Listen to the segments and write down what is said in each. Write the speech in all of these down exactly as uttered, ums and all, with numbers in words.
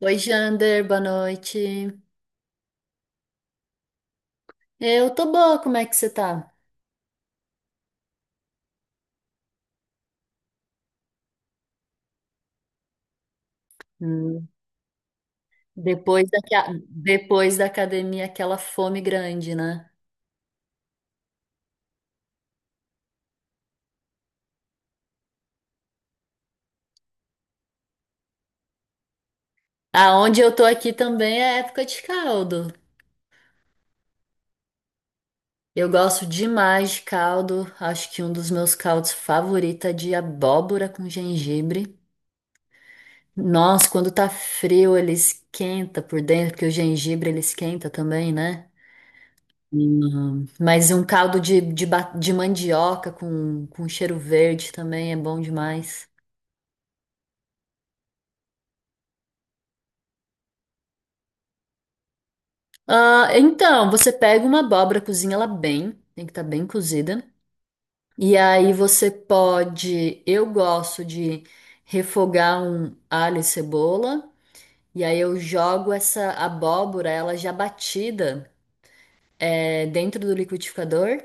Oi, Jander, boa noite. Eu tô boa, como é que você tá? Hum, depois da, depois da academia, aquela fome grande, né? Aonde eu tô aqui também é época de caldo. Eu gosto demais de caldo. Acho que um dos meus caldos favoritos é de abóbora com gengibre. Nossa, quando tá frio, ele esquenta por dentro, porque o gengibre ele esquenta também, né? Hum, Mas um caldo de, de, ba- de mandioca com, com cheiro verde também é bom demais. Ah, então, você pega uma abóbora, cozinha ela bem, tem que estar bem cozida. E aí você pode, eu gosto de refogar um alho e cebola. E aí eu jogo essa abóbora, ela já batida, é, dentro do liquidificador.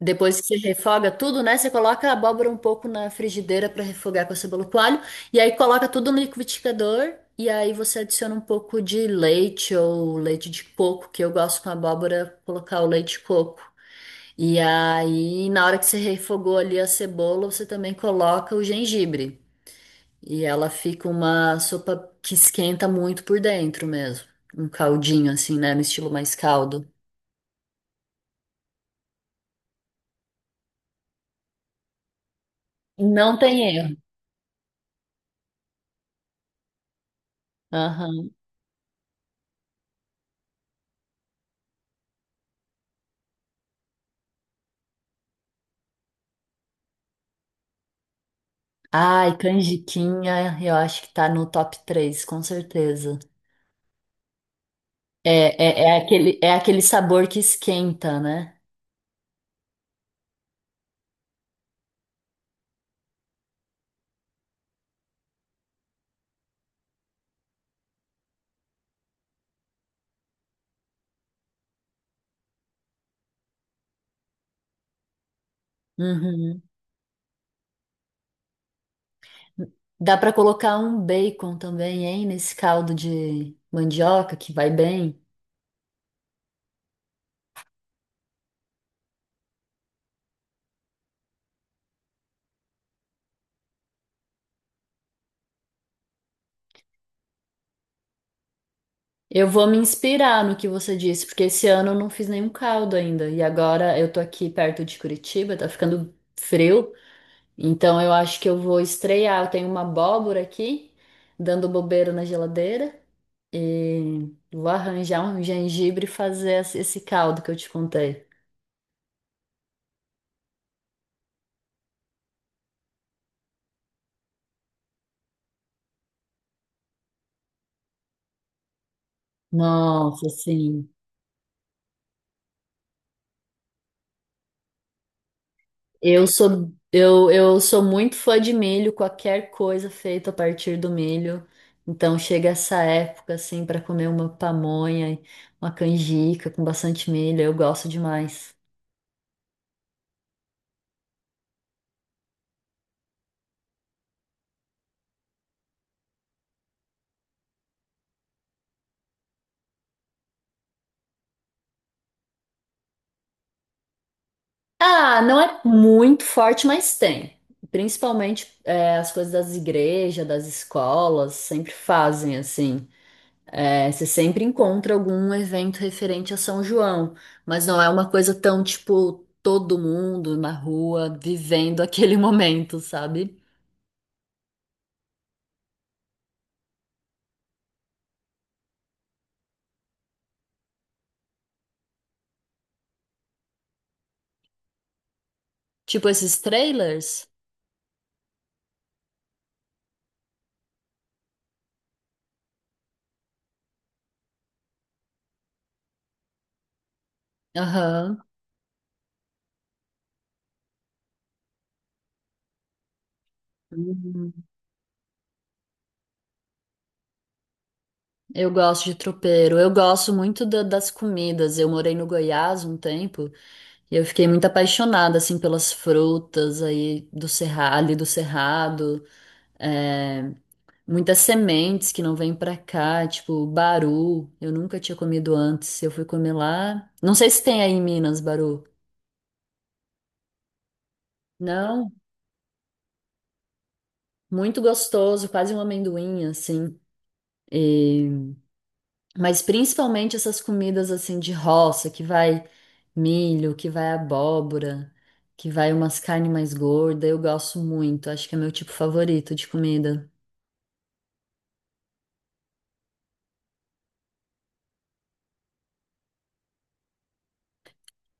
Depois que você refoga tudo, né? Você coloca a abóbora um pouco na frigideira para refogar com a cebola e coalho. E aí coloca tudo no liquidificador. E aí você adiciona um pouco de leite ou leite de coco, que eu gosto com abóbora colocar o leite de coco. E aí, na hora que você refogou ali a cebola, você também coloca o gengibre. E ela fica uma sopa que esquenta muito por dentro mesmo. Um caldinho assim, né? No estilo mais caldo. Não tem erro. Aham. Ai, canjiquinha, eu acho que tá no top três, com certeza. É, é, é aquele, é aquele sabor que esquenta, né? Uhum. Dá pra colocar um bacon também, hein, nesse caldo de mandioca que vai bem. Eu vou me inspirar no que você disse, porque esse ano eu não fiz nenhum caldo ainda. E agora eu tô aqui perto de Curitiba, tá ficando frio, então eu acho que eu vou estrear. Eu tenho uma abóbora aqui, dando bobeira na geladeira. E vou arranjar um gengibre e fazer esse esse caldo que eu te contei. Nossa, assim, eu sou eu, eu sou muito fã de milho, qualquer coisa feita a partir do milho. Então chega essa época assim para comer uma pamonha, uma canjica com bastante milho, eu gosto demais. Ah, não é muito forte, mas tem. Principalmente é, as coisas das igrejas, das escolas, sempre fazem assim. É, você sempre encontra algum evento referente a São João, mas não é uma coisa tão tipo todo mundo na rua vivendo aquele momento, sabe? Tipo esses trailers. Aham. Uhum. Eu gosto de tropeiro. Eu gosto muito da- das comidas. Eu morei no Goiás um tempo e eu fiquei muito apaixonada assim pelas frutas aí do Cerrado, ali do Cerrado. É, Muitas sementes que não vêm pra cá, tipo baru. Eu nunca tinha comido antes. Eu fui comer lá. Não sei se tem aí em Minas, baru. Não, muito gostoso, quase um amendoim, assim. E- Mas principalmente essas comidas assim de roça, que vai milho, que vai abóbora, que vai umas carnes mais gordas. Eu gosto muito. Acho que é meu tipo favorito de comida.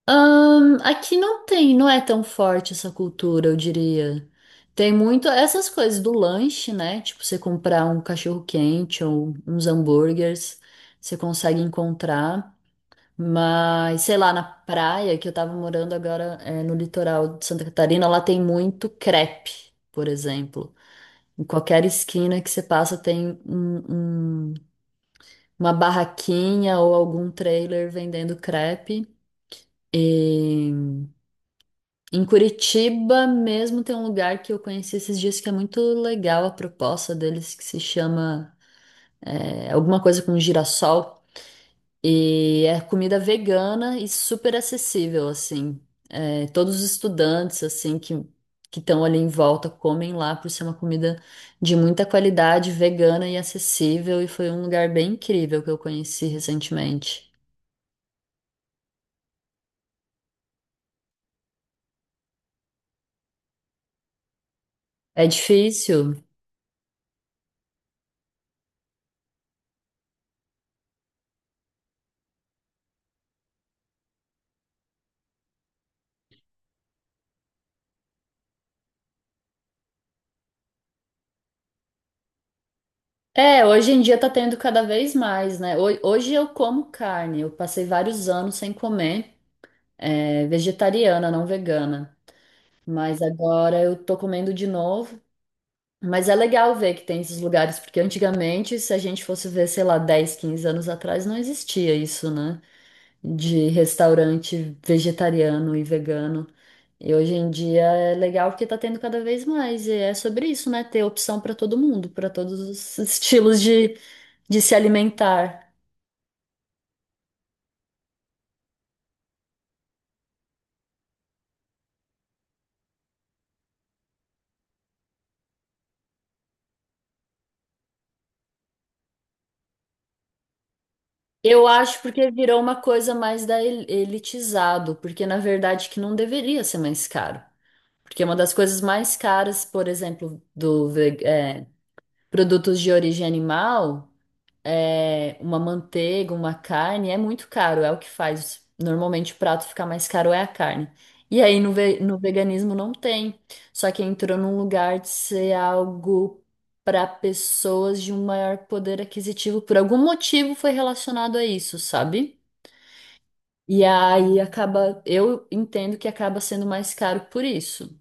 Ahn, aqui não tem, não é tão forte essa cultura, eu diria. Tem muito essas coisas do lanche, né? Tipo, você comprar um cachorro-quente ou uns hambúrgueres, você consegue encontrar. Mas, sei lá, na praia, que eu tava morando agora, é, no litoral de Santa Catarina, lá tem muito crepe, por exemplo. Em qualquer esquina que você passa tem um- um- uma barraquinha ou algum trailer vendendo crepe. E Em Curitiba mesmo tem um lugar que eu conheci esses dias que é muito legal a proposta deles, que se chama é, alguma coisa com girassol. E é comida vegana e super acessível, assim. É, todos os estudantes, assim, que que estão ali em volta comem lá por ser uma comida de muita qualidade, vegana e acessível. E foi um lugar bem incrível que eu conheci recentemente. É difícil. É, hoje em dia tá tendo cada vez mais, né? Ho- Hoje eu como carne, eu passei vários anos sem comer, é, vegetariana, não vegana, mas agora eu tô comendo de novo. Mas é legal ver que tem esses lugares, porque antigamente, se a gente fosse ver, sei lá, dez, quinze anos atrás, não existia isso, né? De restaurante vegetariano e vegano. E hoje em dia é legal porque tá tendo cada vez mais, e é sobre isso, né? Ter opção para todo mundo, para todos os estilos de de se alimentar. Eu acho porque virou uma coisa mais da el- elitizado, porque na verdade que não deveria ser mais caro. Porque uma das coisas mais caras, por exemplo, do ve- é, produtos de origem animal. É, uma manteiga, uma carne, é muito caro, é o que faz. Normalmente o prato ficar mais caro é a carne. E aí no, ve- no veganismo não tem. Só que entrou num lugar de ser algo para pessoas de um maior poder aquisitivo. Por algum motivo foi relacionado a isso, sabe? E aí acaba, eu entendo que acaba sendo mais caro por isso.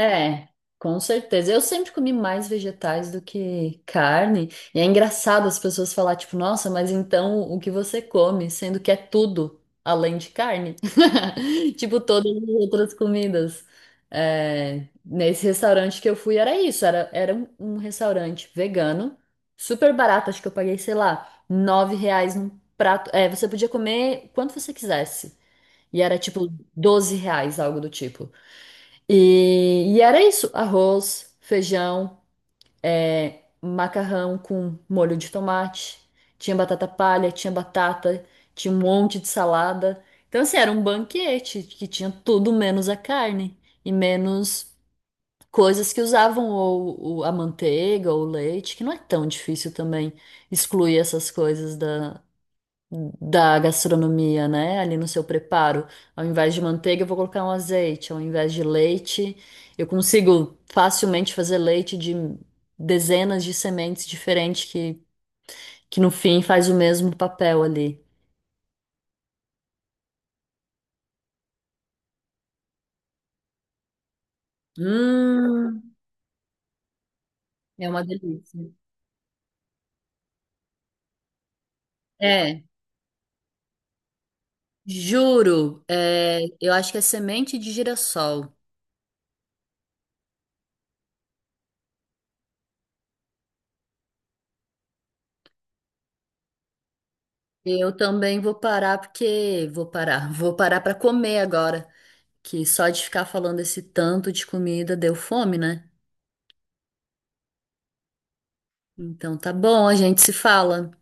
É, com certeza. Eu sempre comi mais vegetais do que carne. E é engraçado as pessoas falar, tipo, nossa, mas então o que você come, sendo que é tudo além de carne? Tipo, todas as outras comidas. É, nesse restaurante que eu fui era isso, era, era um, um restaurante vegano, super barato, acho que eu paguei, sei lá, nove reais num prato. É, você podia comer quanto você quisesse. E era tipo doze reais, algo do tipo. E, e era isso: arroz, feijão, é, macarrão com molho de tomate, tinha batata palha, tinha batata, tinha um monte de salada. Então, assim, era um banquete que tinha tudo menos a carne e menos coisas que usavam ou, ou a manteiga ou o leite, que não é tão difícil também excluir essas coisas da, da gastronomia, né? Ali no seu preparo. Ao invés de manteiga, eu vou colocar um azeite. Ao invés de leite, eu consigo facilmente fazer leite de dezenas de sementes diferentes que, que no fim faz o mesmo papel ali. Hum, é uma delícia. É, juro, é, eu acho que é semente de girassol. Eu também vou parar porque vou parar, vou parar para comer agora, que só de ficar falando esse tanto de comida deu fome, né? Então tá bom, a gente se fala.